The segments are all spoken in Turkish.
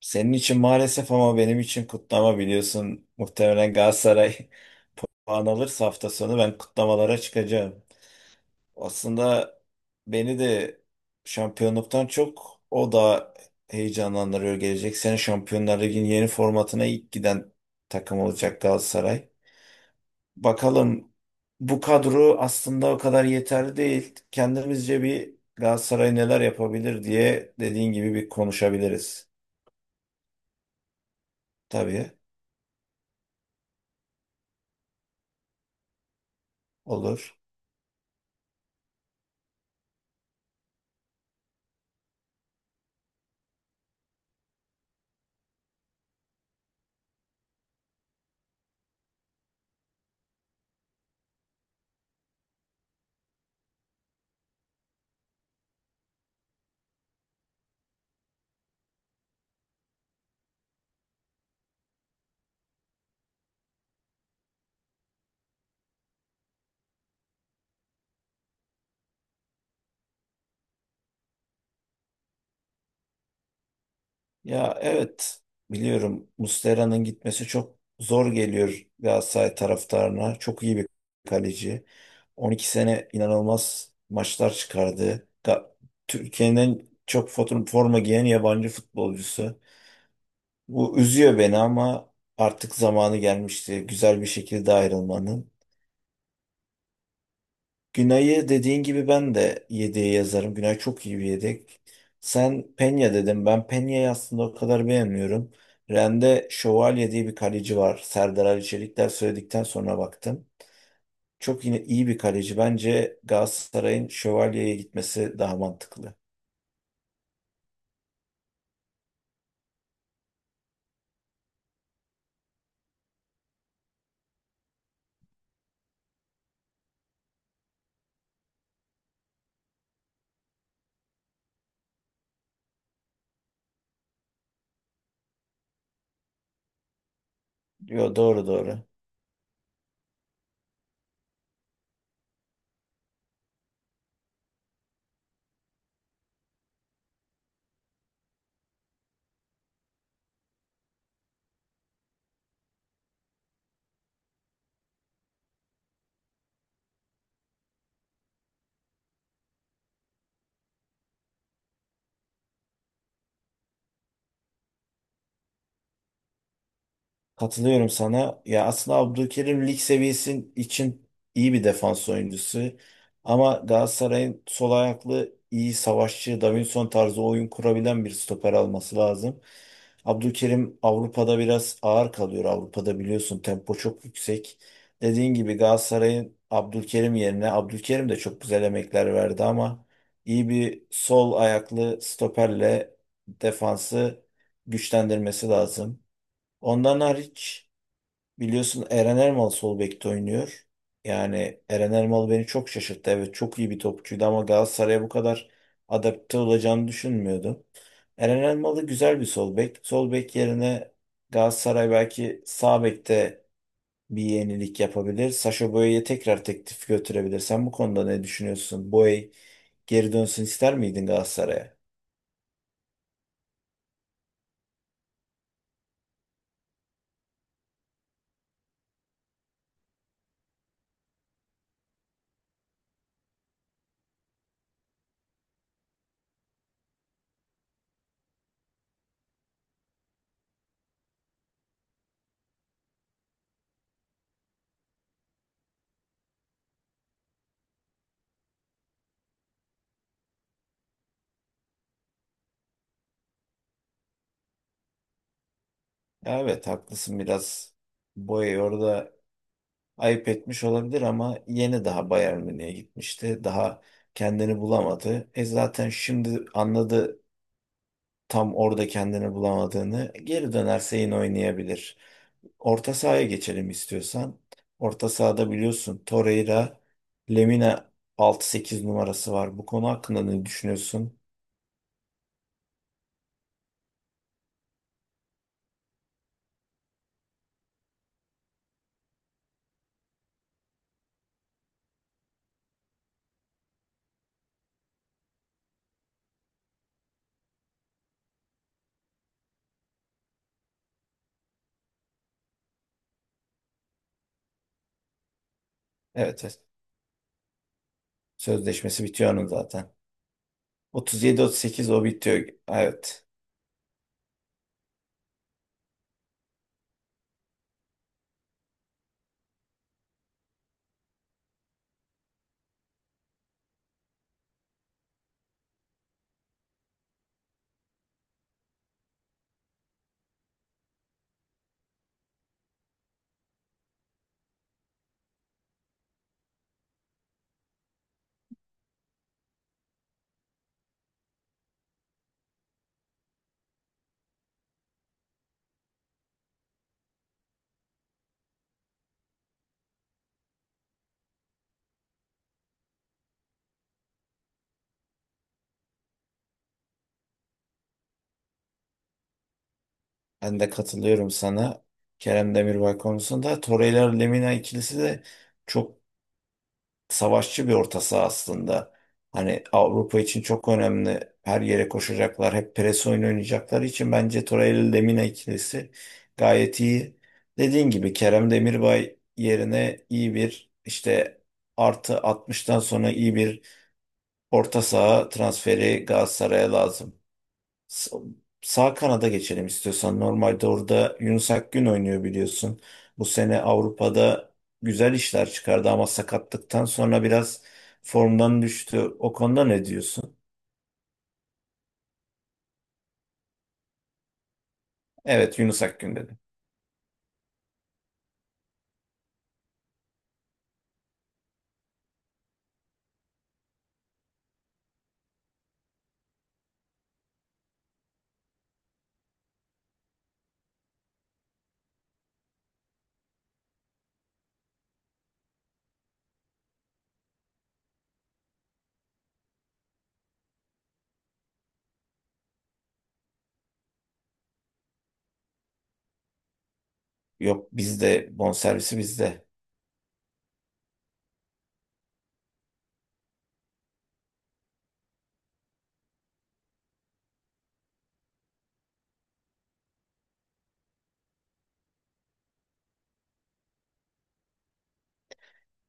Senin için maalesef ama benim için kutlama biliyorsun. Muhtemelen Galatasaray puan alırsa hafta sonu ben kutlamalara çıkacağım. Aslında beni de şampiyonluktan çok o da heyecanlandırıyor. Gelecek sene Şampiyonlar Ligi'nin yeni formatına ilk giden takım olacak Galatasaray. Bakalım bu kadro aslında o kadar yeterli değil. Kendimizce bir Galatasaray neler yapabilir diye dediğin gibi bir konuşabiliriz. Tabii olur. Ya evet biliyorum Muslera'nın gitmesi çok zor geliyor Galatasaray taraftarına. Çok iyi bir kaleci. 12 sene inanılmaz maçlar çıkardı. Türkiye'nin çok forma giyen yabancı futbolcusu. Bu üzüyor beni ama artık zamanı gelmişti güzel bir şekilde ayrılmanın. Günay'ı dediğin gibi ben de yedeğe yazarım. Günay çok iyi bir yedek. Sen Penya dedim. Ben Penya'yı aslında o kadar beğenmiyorum. Ren'de Şövalye diye bir kaleci var. Serdar Ali Çelikler söyledikten sonra baktım. Çok yine iyi bir kaleci. Bence Galatasaray'ın Şövalye'ye gitmesi daha mantıklı. Yo, doğru doğru. Katılıyorum sana. Ya aslında Abdülkerim lig seviyesi için iyi bir defans oyuncusu. Ama Galatasaray'ın sol ayaklı iyi savaşçı, Davinson tarzı oyun kurabilen bir stoper alması lazım. Abdülkerim Avrupa'da biraz ağır kalıyor. Avrupa'da biliyorsun tempo çok yüksek. Dediğin gibi Galatasaray'ın Abdülkerim yerine Abdülkerim de çok güzel emekler verdi ama iyi bir sol ayaklı stoperle defansı güçlendirmesi lazım. Ondan hariç biliyorsun Eren Ermal sol bekte oynuyor. Yani Eren Ermal beni çok şaşırttı. Evet çok iyi bir topçuydu ama Galatasaray'a bu kadar adapte olacağını düşünmüyordum. Eren Elmalı güzel bir sol bek. Sol bek yerine Galatasaray belki sağ bekte bir yenilik yapabilir. Sacha Boey'e tekrar teklif götürebilir. Sen bu konuda ne düşünüyorsun? Boey geri dönsün ister miydin Galatasaray'a? Ya evet, haklısın biraz. Boey orada ayıp etmiş olabilir ama yeni daha Bayern Münih'e gitmişti. Daha kendini bulamadı. E zaten şimdi anladı tam orada kendini bulamadığını. Geri dönerse yine oynayabilir. Orta sahaya geçelim istiyorsan. Orta sahada biliyorsun Torreira, Lemina 6-8 numarası var. Bu konu hakkında ne düşünüyorsun? Evet, evet. Sözleşmesi bitiyor onun zaten. 37-38 o bitiyor. Evet. Ben de katılıyorum sana. Kerem Demirbay konusunda. Torreira-Lemina ikilisi de çok savaşçı bir orta saha aslında. Hani Avrupa için çok önemli. Her yere koşacaklar. Hep pres oyunu oynayacakları için bence Torreira-Lemina ikilisi gayet iyi. Dediğin gibi Kerem Demirbay yerine iyi bir işte artı 60'tan sonra iyi bir orta saha transferi Galatasaray'a lazım. Sa- Sağ kanada geçelim istiyorsan. Normalde orada Yunus Akgün oynuyor biliyorsun. Bu sene Avrupa'da güzel işler çıkardı ama sakatlıktan sonra biraz formdan düştü. O konuda ne diyorsun? Evet, Yunus Akgün dedim. Yok, bizde bonservisi, bizde.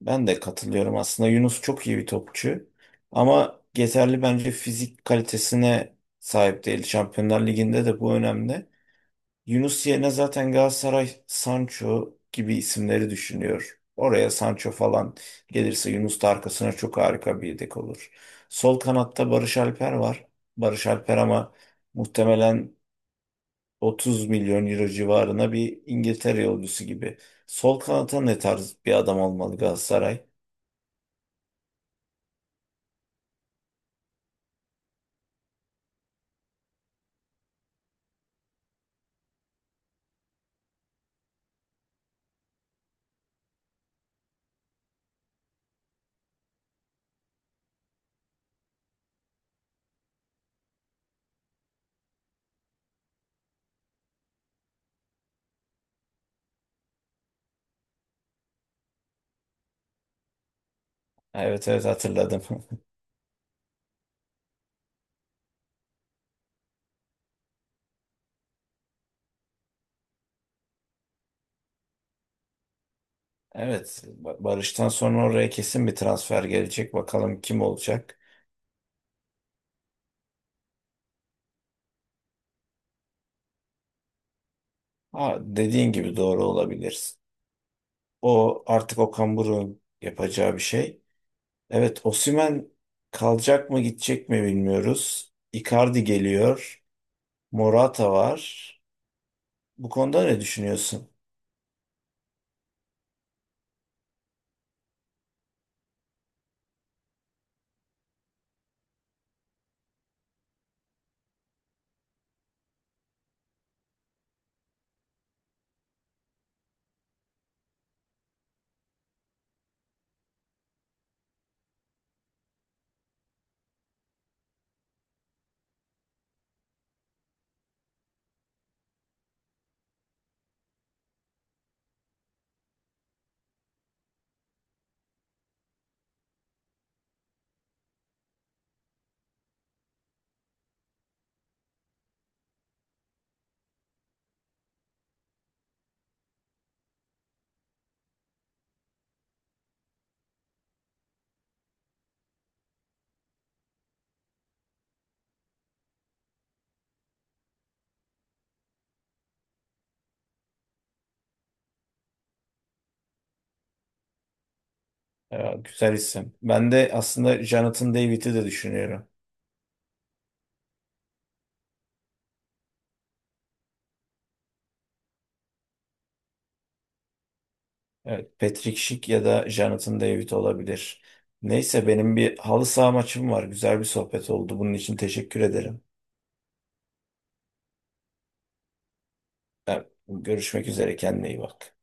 Ben de katılıyorum aslında. Yunus çok iyi bir topçu ama yeterli bence fizik kalitesine sahip değil. Şampiyonlar Ligi'nde de bu önemli. Yunus yerine zaten Galatasaray Sancho gibi isimleri düşünüyor. Oraya Sancho falan gelirse Yunus da arkasına çok harika bir yedek olur. Sol kanatta Barış Alper var. Barış Alper ama muhtemelen 30 milyon euro civarına bir İngiltere yolcusu gibi. Sol kanata ne tarz bir adam olmalı Galatasaray? Evet evet, hatırladım. Evet, Barış'tan sonra oraya kesin bir transfer gelecek. Bakalım kim olacak? Ha, dediğin gibi doğru olabilir. O artık Okan Buruk'un yapacağı bir şey. Evet, Osimhen kalacak mı gidecek mi bilmiyoruz. Icardi geliyor. Morata var. Bu konuda ne düşünüyorsun? Ya, güzel isim. Ben de aslında Jonathan David'i de düşünüyorum. Evet, Patrick Schick ya da Jonathan David olabilir. Neyse benim bir halı saha maçım var. Güzel bir sohbet oldu. Bunun için teşekkür ederim. Görüşmek üzere. Kendine iyi bak.